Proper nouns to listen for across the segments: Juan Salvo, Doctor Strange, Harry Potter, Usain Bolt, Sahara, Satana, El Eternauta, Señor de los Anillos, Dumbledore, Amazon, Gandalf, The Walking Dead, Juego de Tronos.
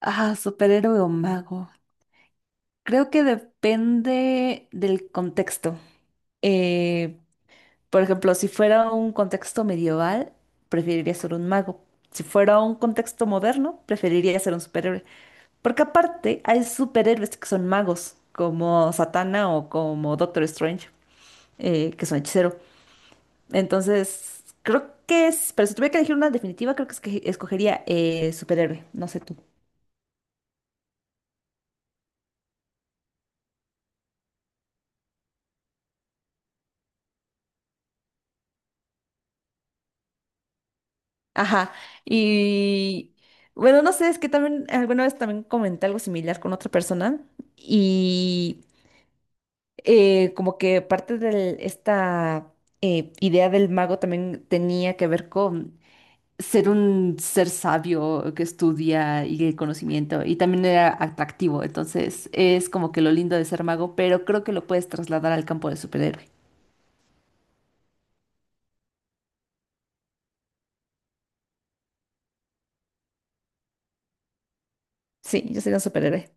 Ah, superhéroe o mago. Creo que depende del contexto. Eh, por ejemplo, si fuera un contexto medieval, preferiría ser un mago. Si fuera un contexto moderno, preferiría ser un superhéroe. Porque aparte hay superhéroes que son magos, como Satana o como Doctor Strange, que son hechicero. Entonces, creo que es... Pero si tuviera que elegir una definitiva, creo que, es que escogería superhéroe. No sé tú. Ajá, y bueno, no sé, es que también alguna vez también comenté algo similar con otra persona y como que parte de esta idea del mago también tenía que ver con ser un ser sabio que estudia y el conocimiento y también era atractivo, entonces es como que lo lindo de ser mago, pero creo que lo puedes trasladar al campo de superhéroe. Sí, yo soy un superhéroe.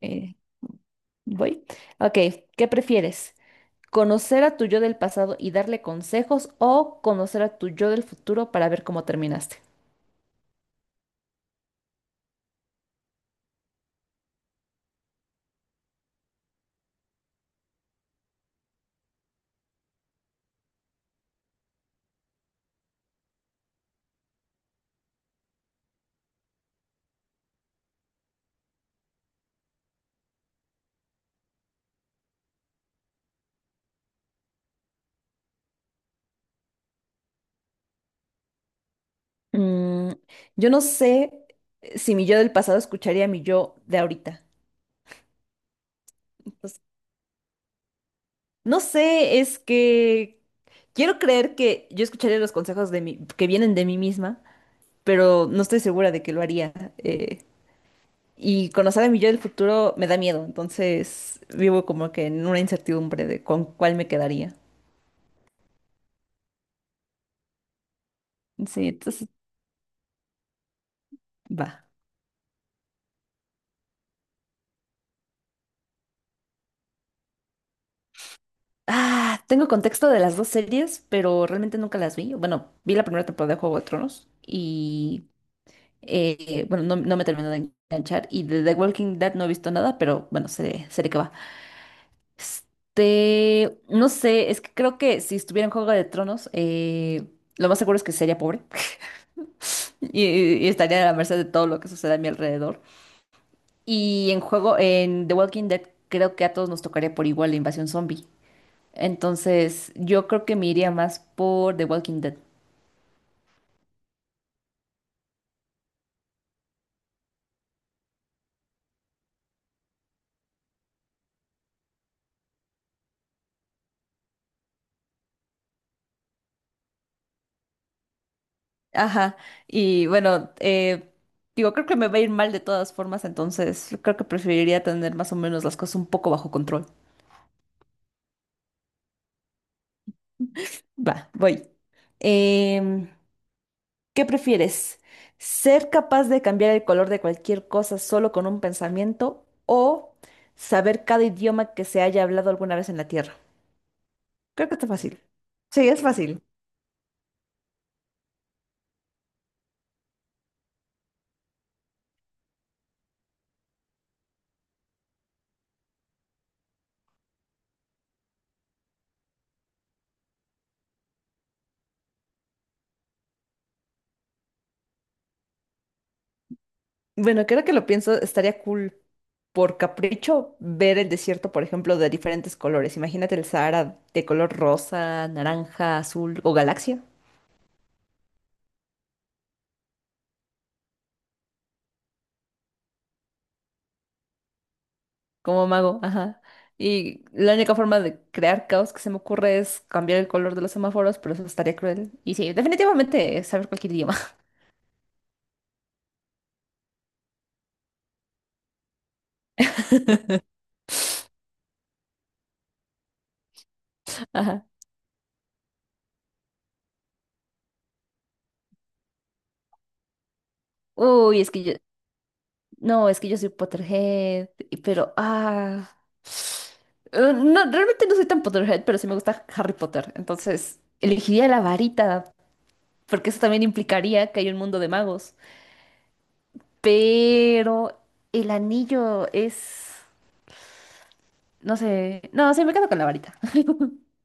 Eh, Voy. Ok, ¿qué prefieres? ¿Conocer a tu yo del pasado y darle consejos o conocer a tu yo del futuro para ver cómo terminaste? Mm, yo no sé si mi yo del pasado escucharía a mi yo de ahorita. Entonces, no sé, es que quiero creer que yo escucharía los consejos de mí, que vienen de mí misma, pero no estoy segura de que lo haría. eh, y conocer a mi yo del futuro me da miedo, entonces vivo como que en una incertidumbre de con cuál me quedaría. Sí, entonces va. Ah, tengo contexto de las dos series, pero realmente nunca las vi. Bueno, vi la primera temporada de Juego de Tronos y, bueno, no, no me terminó de enganchar. Y de The Walking Dead no he visto nada, pero bueno, sé, sé de qué va. Este, no sé, es que creo que si estuviera en Juego de Tronos, lo más seguro es que sería pobre y, y estaría a la merced de todo lo que suceda a mi alrededor. Y en juego, en The Walking Dead, creo que a todos nos tocaría por igual la invasión zombie. Entonces, yo creo que me iría más por The Walking Dead. Ajá. Y bueno, digo, creo que me va a ir mal de todas formas, entonces creo que preferiría tener más o menos las cosas un poco bajo control. Va, voy. Em, ¿Qué prefieres? ¿Ser capaz de cambiar el color de cualquier cosa solo con un pensamiento o saber cada idioma que se haya hablado alguna vez en la Tierra? Creo que está fácil. Sí, es fácil. Bueno, creo que lo pienso, estaría cool. Por capricho ver el desierto, por ejemplo, de diferentes colores. Imagínate el Sahara de color rosa, naranja, azul o galaxia, como mago, ajá. Y la única forma de crear caos que se me ocurre es cambiar el color de los semáforos, pero eso estaría cruel. Y sí, definitivamente saber cualquier idioma. Ajá. Uy, es que yo, no, es que yo soy Potterhead, y- pero, ah, no, realmente no soy tan Potterhead, pero sí me gusta Harry Potter, entonces elegiría la varita porque eso también implicaría que hay un mundo de magos. Pero el anillo es... No sé. No, sí, me quedo con la varita.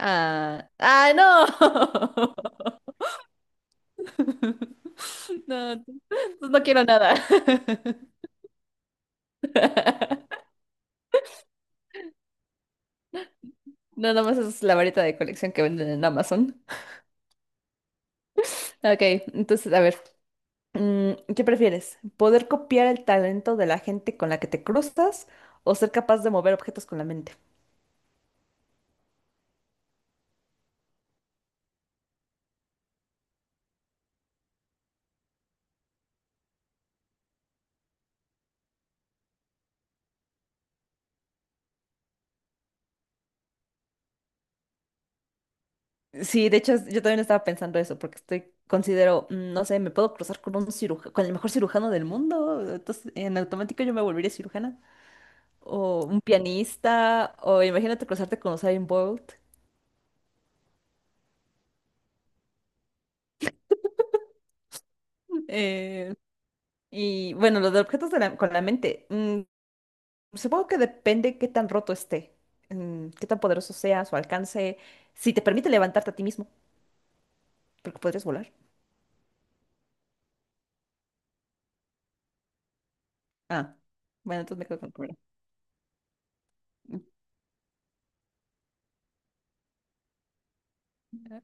Ah, ah, no. No, pues no quiero nada. No, nada más es la varita de colección que venden en Amazon. Ok, entonces, a ver. Mm, ¿qué prefieres? ¿Poder copiar el talento de la gente con la que te cruzas o ser capaz de mover objetos con la mente? Sí, de hecho, yo también estaba pensando eso, porque estoy, considero, mm, no sé, me puedo cruzar con un cirujano, con el mejor cirujano del mundo, entonces en automático yo me volvería cirujana. O un pianista, o imagínate cruzarte con Usain Bolt. Eh, y bueno, los de objetos de la- con la mente, mm, supongo que depende qué tan roto esté, mm, qué tan poderoso sea, su alcance, si te permite levantarte a ti mismo, porque podrías volar. Ah, bueno, entonces me quedo con la primera.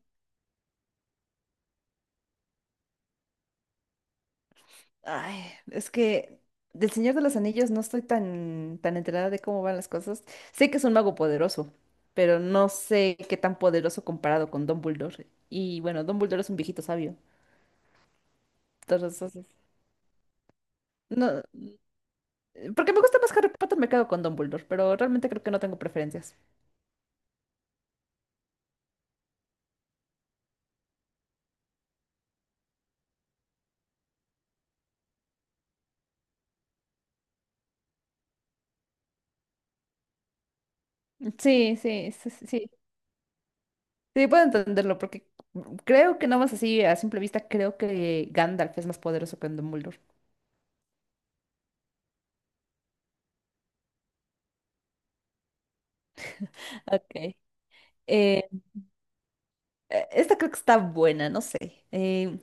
Ay, es que del Señor de los Anillos no estoy tan, tan enterada de cómo van las cosas. Sé que es un mago poderoso, pero no sé qué tan poderoso comparado con Dumbledore. Y bueno, Dumbledore es un viejito sabio. Entonces, no, porque me gusta más Harry Potter, me quedo con Dumbledore, pero realmente creo que no tengo preferencias. Sí, sí, sí, sí. Sí, sí, puedo entenderlo, porque creo que no más así a simple vista, creo que Gandalf es más poderoso que Dumbledore. Ok. Eh, esta creo que está buena, no sé.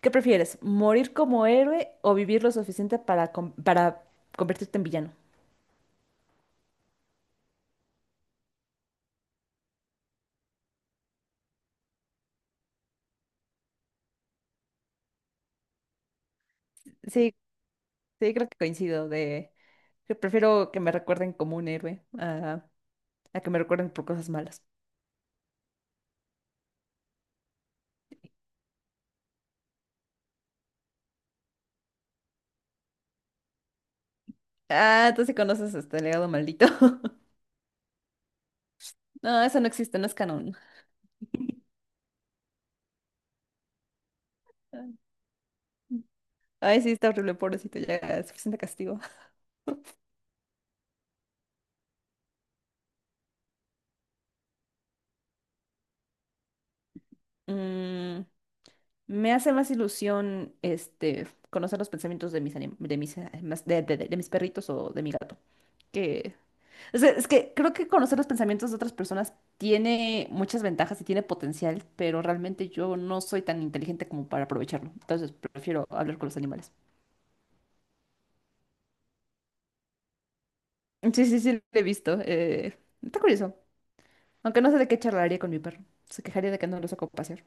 ¿Qué prefieres? ¿Morir como héroe o vivir lo suficiente para, com- para convertirte en villano? Sí, sí, creo que coincido de que prefiero que me recuerden como un héroe a que me recuerden por cosas malas. Ah, tú sí conoces este legado maldito. No, eso no existe, no es canon. Ay, sí, está horrible, pobrecito, ya es suficiente castigo. Mm, me hace más ilusión este conocer los pensamientos de mis anim- de mis, más- de mis perritos o de mi gato. Que es, que, es que creo que conocer los pensamientos de otras personas tiene muchas ventajas y tiene potencial, pero realmente yo no soy tan inteligente como para aprovecharlo. Entonces prefiero hablar con los animales. Sí, sí, sí, lo he visto. Está curioso. Aunque no sé de qué charlaría con mi perro. Se quejaría de que no lo saco a pasear.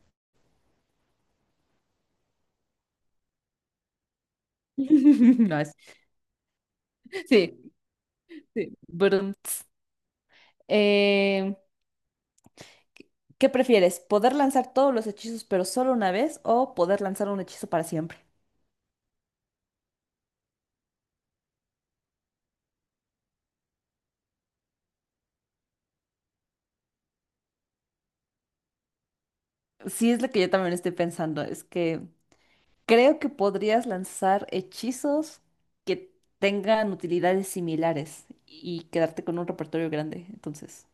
No es. Sí, sí. Brum, ts. Eh, ¿Qué prefieres? ¿Poder lanzar todos los hechizos, pero solo una vez, o poder lanzar un hechizo para siempre? Sí, es lo que yo también estoy pensando. Es que creo que podrías lanzar hechizos que tengan utilidades similares y quedarte con un repertorio grande, entonces.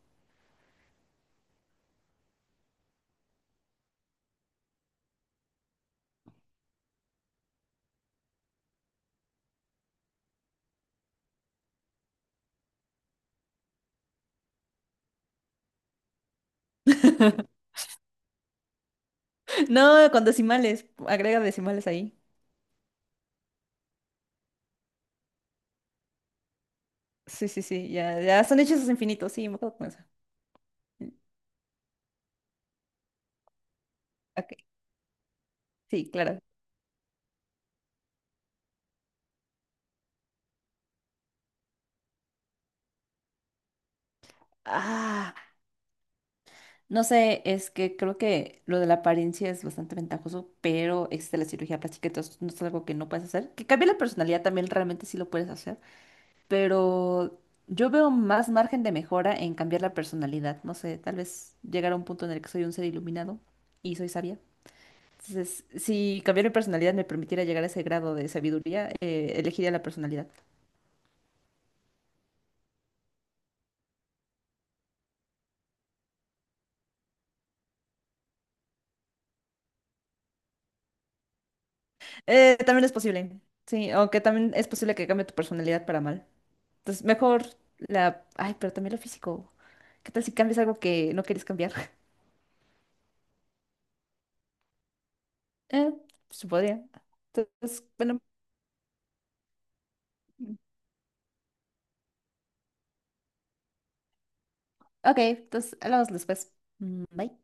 No, con decimales, agrega decimales ahí. Sí, sí, sí, ya, ya son hechizos infinitos, sí, me acuerdo con eso. Ok, sí, claro. Ah, no sé, es que creo que lo de la apariencia es bastante ventajoso, pero existe la cirugía plástica, entonces no es algo que no puedes hacer. Que cambie la personalidad también realmente sí lo puedes hacer. Pero yo veo más margen de mejora en cambiar la personalidad. No sé, tal vez llegar a un punto en el que soy un ser iluminado y soy sabia. Entonces, si cambiar mi personalidad me permitiera llegar a ese grado de sabiduría, elegiría la personalidad. También es posible, sí, aunque también es posible que cambie tu personalidad para mal. Entonces, mejor la... Ay, pero también lo físico. ¿Qué tal si cambias algo que no quieres cambiar? Eh, pues, se podría. Entonces, bueno, ok, entonces hablamos después. Mm, bye.